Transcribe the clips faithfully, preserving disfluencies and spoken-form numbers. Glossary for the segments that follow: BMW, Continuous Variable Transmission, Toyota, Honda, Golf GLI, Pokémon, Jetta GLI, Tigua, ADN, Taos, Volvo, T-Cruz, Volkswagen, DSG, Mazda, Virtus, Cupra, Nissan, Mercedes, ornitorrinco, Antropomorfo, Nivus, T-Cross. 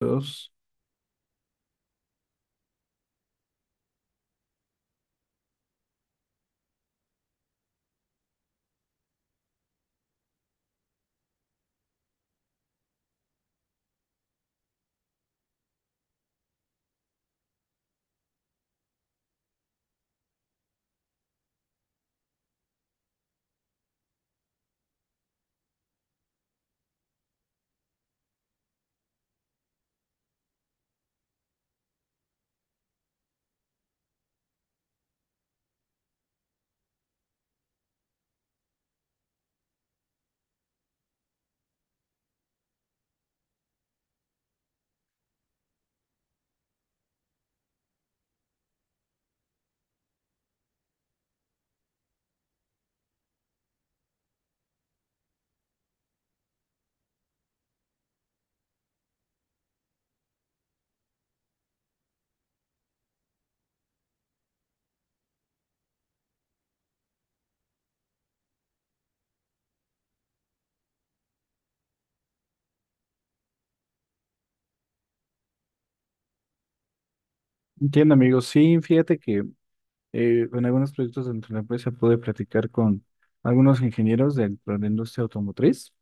Dos. Entiendo, amigos. Sí, fíjate que eh, en algunos proyectos dentro de la empresa pude platicar con algunos ingenieros dentro de la industria automotriz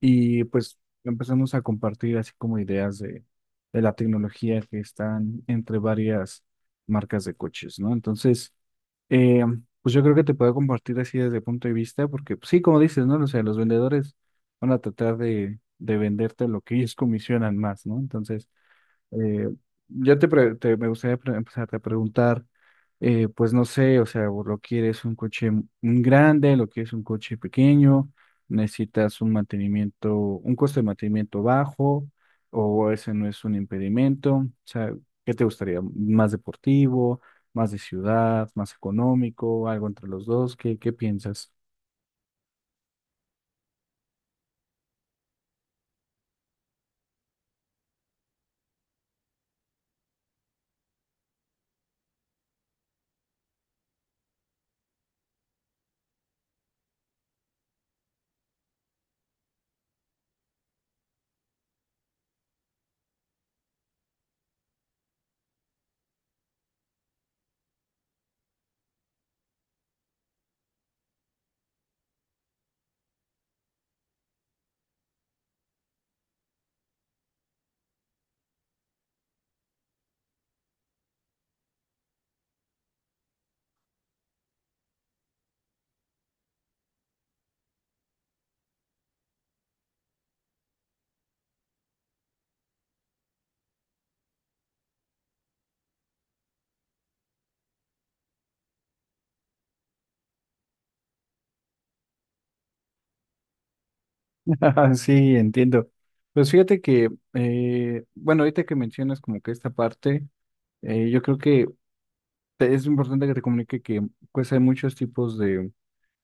y pues empezamos a compartir así como ideas de, de la tecnología que están entre varias marcas de coches, ¿no? Entonces, eh, pues yo creo que te puedo compartir así desde el punto de vista porque pues, sí, como dices, ¿no? O sea, los vendedores van a tratar de, de venderte lo que ellos comisionan más, ¿no? Entonces. Eh, ya te, pre- te- Me gustaría pre- empezarte a preguntar, eh, pues no sé, o sea, o lo quieres un coche m- un grande, lo quieres un coche pequeño, necesitas un mantenimiento, un costo de mantenimiento bajo, o ese no es un impedimento, o sea, ¿qué te gustaría? ¿Más deportivo, más de ciudad, más económico, algo entre los dos? ¿Qué, qué piensas? Sí, entiendo. Pues fíjate que, eh, bueno, ahorita que mencionas como que esta parte, eh, yo creo que te- es importante que te comunique que pues hay muchos tipos de,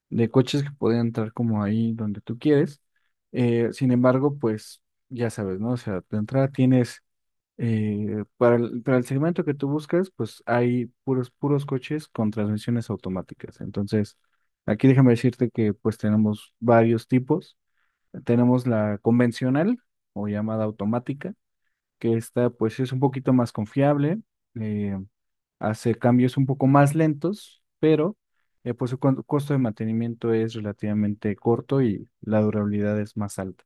de coches que pueden entrar como ahí donde tú quieres. Eh, sin embargo, pues ya sabes, ¿no? O sea, de entrada tienes, eh, para el, para el segmento que tú buscas, pues hay puros, puros coches con transmisiones automáticas. Entonces, aquí déjame decirte que pues tenemos varios tipos. Tenemos la convencional o llamada automática, que esta pues es un poquito más confiable. eh, Hace cambios un poco más lentos, pero eh, pues su cu- costo de mantenimiento es relativamente corto y la durabilidad es más alta.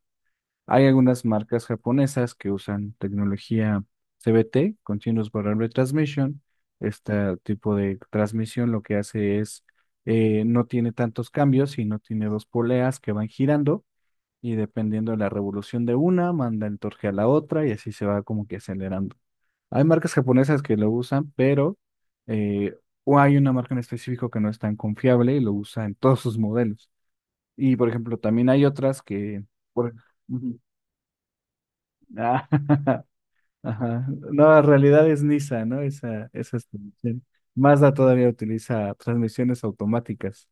Hay algunas marcas japonesas que usan tecnología C V T, Continuous Variable Transmission. Este tipo de transmisión lo que hace es, eh, no tiene tantos cambios y no tiene dos poleas que van girando y dependiendo de la revolución de una, manda el torque a la otra y así se va como que acelerando. Hay marcas japonesas que lo usan, pero eh, o hay una marca en específico que no es tan confiable y lo usa en todos sus modelos. Y por ejemplo, también hay otras que. por- Ujú. Ah, ajá. No, en realidad es Nissan, ¿no? Esa, esa es transmisión. Mazda todavía utiliza transmisiones automáticas.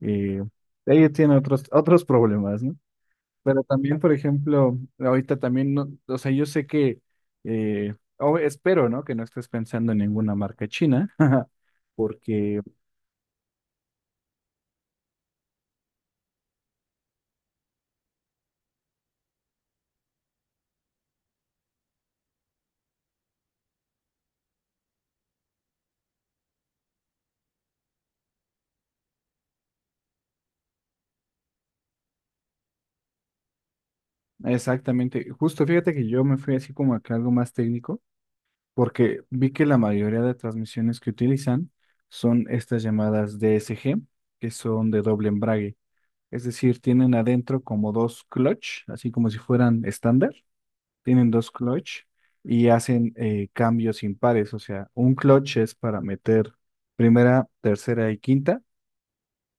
Eh, Ella tiene otros, otros problemas, ¿no? Pero también, por ejemplo, ahorita también, no, o sea, yo sé que, eh, o espero, ¿no? Que no estés pensando en ninguna marca china, porque exactamente, justo fíjate que yo me fui así como acá algo más técnico, porque vi que la mayoría de transmisiones que utilizan son estas llamadas D S G, que son de doble embrague, es decir, tienen adentro como dos clutch, así como si fueran estándar tienen dos clutch y hacen eh, cambios impares. O sea, un clutch es para meter primera, tercera y quinta,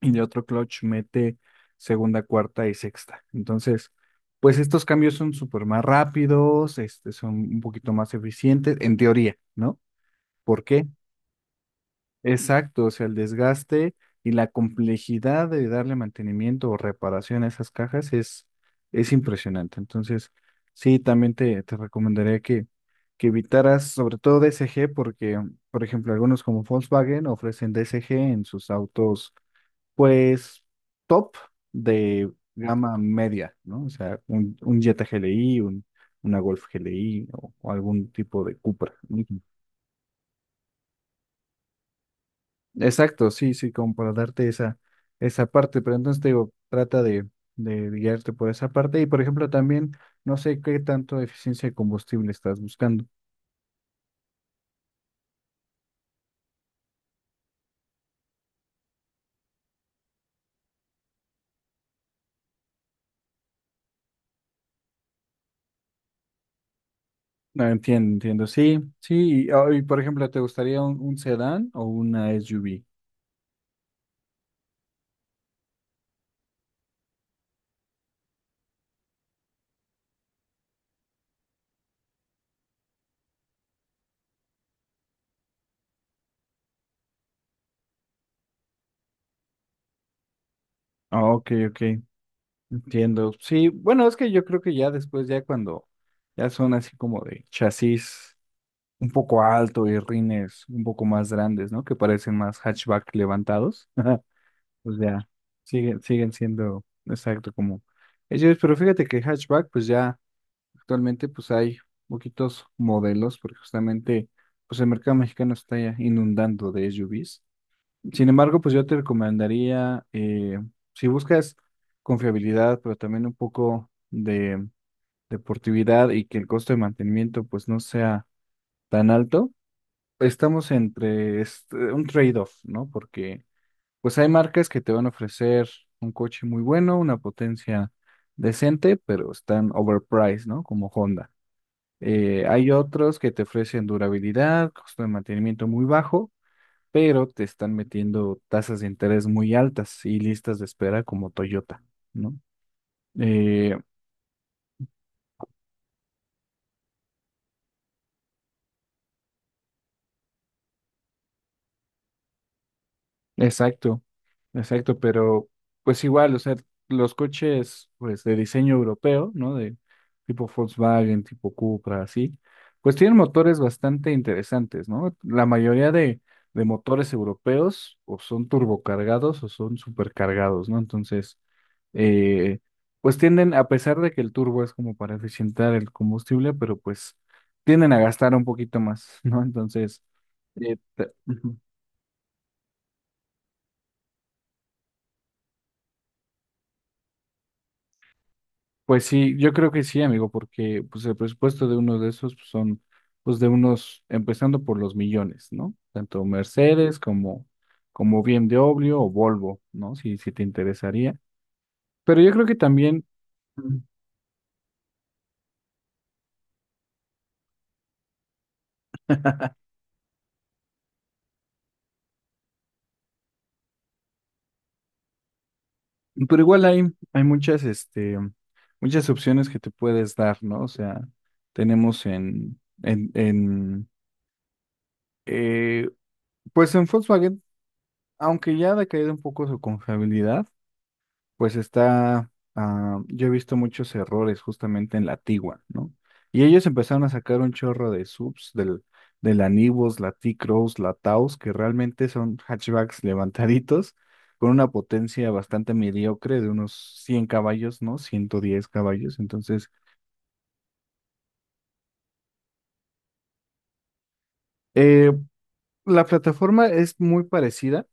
y el otro clutch mete segunda, cuarta y sexta. Entonces, pues estos cambios son súper más rápidos, este, son un poquito más eficientes, en teoría, ¿no? ¿Por qué? Exacto, o sea, el desgaste y la complejidad de darle mantenimiento o reparación a esas cajas es, es impresionante. Entonces, sí, también te, te recomendaría que que evitaras sobre todo D S G porque, por ejemplo, algunos como Volkswagen ofrecen D S G en sus autos, pues, top de gama media, ¿no? O sea, un, un Jetta G L I, un, una Golf G L I o, o algún tipo de Cupra. Ujú. Exacto, sí, sí, como para darte esa, esa parte, pero entonces te digo, trata de, de guiarte por esa parte y, por ejemplo, también, no sé qué tanto eficiencia de combustible estás buscando. No, entiendo, entiendo. Sí, sí. Y, ah, y, por ejemplo, ¿te gustaría un, un sedán o una S U V? Ah, ok, ok. Entiendo. Sí, bueno, es que yo creo que ya después, ya cuando ya son así como de chasis un poco alto y rines un poco más grandes, ¿no? Que parecen más hatchback levantados. Pues ya, siguen, siguen siendo, exacto, como ellos. Pero fíjate que hatchback, pues ya. Actualmente pues hay poquitos modelos porque justamente pues el mercado mexicano está ya inundando de S U Vs. Sin embargo, pues yo te recomendaría, eh, si buscas confiabilidad, pero también un poco de deportividad y que el costo de mantenimiento pues no sea tan alto, estamos entre este, un trade-off, ¿no? Porque pues hay marcas que te van a ofrecer un coche muy bueno, una potencia decente, pero están overpriced, ¿no? Como Honda. Eh, hay otros que te ofrecen durabilidad, costo de mantenimiento muy bajo, pero te están metiendo tasas de interés muy altas y listas de espera como Toyota, ¿no? Eh, exacto, exacto, pero pues igual, o sea, los coches pues de diseño europeo, ¿no? De tipo Volkswagen, tipo Cupra, así, pues tienen motores bastante interesantes, ¿no? La mayoría de, de motores europeos o son turbocargados o son supercargados, ¿no? Entonces. eh, pues tienden, a pesar de que el turbo es como para eficientar el combustible, pero pues tienden a gastar un poquito más, ¿no? Entonces, eh, ta- ujú. Pues sí, yo creo que sí, amigo, porque pues el presupuesto de uno de esos pues, son pues de unos, empezando por los millones, ¿no? Tanto Mercedes como, como, B M W o Volvo, ¿no? Si, si te interesaría. Pero yo creo que también. Pero igual hay, hay muchas, este, muchas opciones que te puedes dar, ¿no? O sea, tenemos en, en, en eh, pues en Volkswagen, aunque ya ha decaído un poco su confiabilidad, pues está, ah, yo he visto muchos errores justamente en la Tigua, ¿no? Y ellos empezaron a sacar un chorro de subs del, de la Nivus, la T-Cross, la Taos, que realmente son hatchbacks levantaditos con una potencia bastante mediocre de unos cien caballos, ¿no? Ciento diez caballos. Entonces, eh, la plataforma es muy parecida.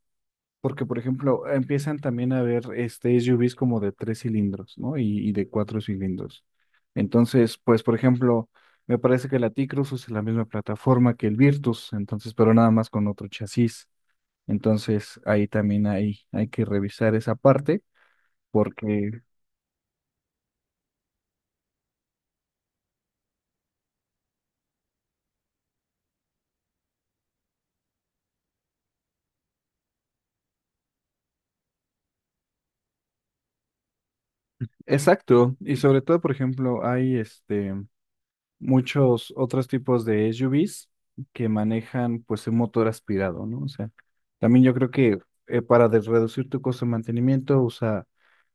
Porque, por ejemplo, empiezan también a ver este S U Vs como de tres cilindros, ¿no? Y, y de cuatro cilindros. Entonces, pues, por ejemplo, me parece que la T-Cruz usa la misma plataforma que el Virtus, entonces, pero nada más con otro chasis. Entonces, ahí también hay, hay que revisar esa parte, porque, exacto, y sobre todo, por ejemplo, hay este, muchos otros tipos de S U Vs que manejan pues un motor aspirado, ¿no? O sea, también yo creo que eh, para de- reducir tu costo de mantenimiento, usa,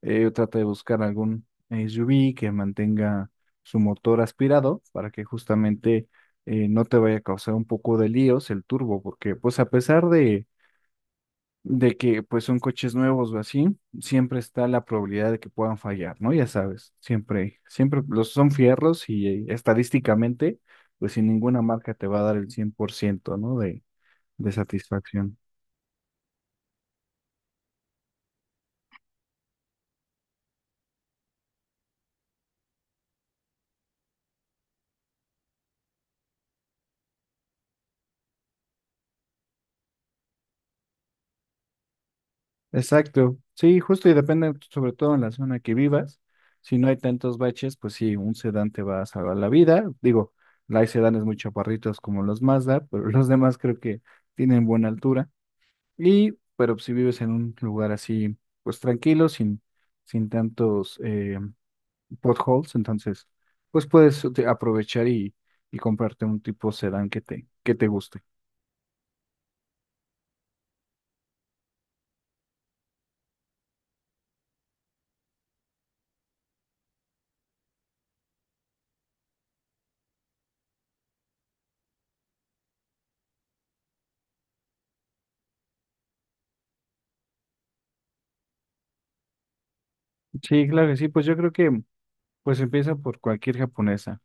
eh, trata de buscar algún S U V que mantenga su motor aspirado para que justamente eh, no te vaya a causar un poco de líos el turbo, porque pues a pesar de de que pues son coches nuevos o así, siempre está la probabilidad de que puedan fallar, ¿no? Ya sabes, siempre, siempre los son fierros y eh, estadísticamente, pues sin ninguna marca te va a dar el cien por ciento, ¿no? De, de satisfacción. Exacto, sí, justo y depende sobre todo en la zona que vivas. Si no hay tantos baches, pues sí, un sedán te va a salvar la vida. Digo, hay sedanes muy chaparritos como los Mazda, pero los demás creo que tienen buena altura. Y, pero si vives en un lugar así, pues tranquilo, sin, sin tantos eh, potholes, entonces, pues puedes te- aprovechar y, y comprarte un tipo sedán que te, que te guste. Sí, claro que sí, pues yo creo que pues empieza por cualquier japonesa,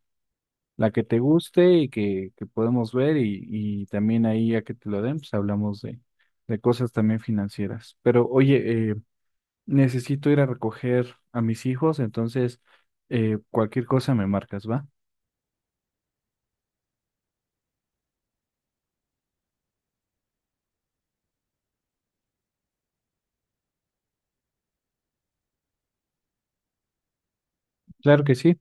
la que te guste y que, que podemos ver y, y también ahí a que te lo den, pues hablamos de, de cosas también financieras. Pero oye, eh, necesito ir a recoger a mis hijos, entonces eh, cualquier cosa me marcas, ¿va? Claro que sí.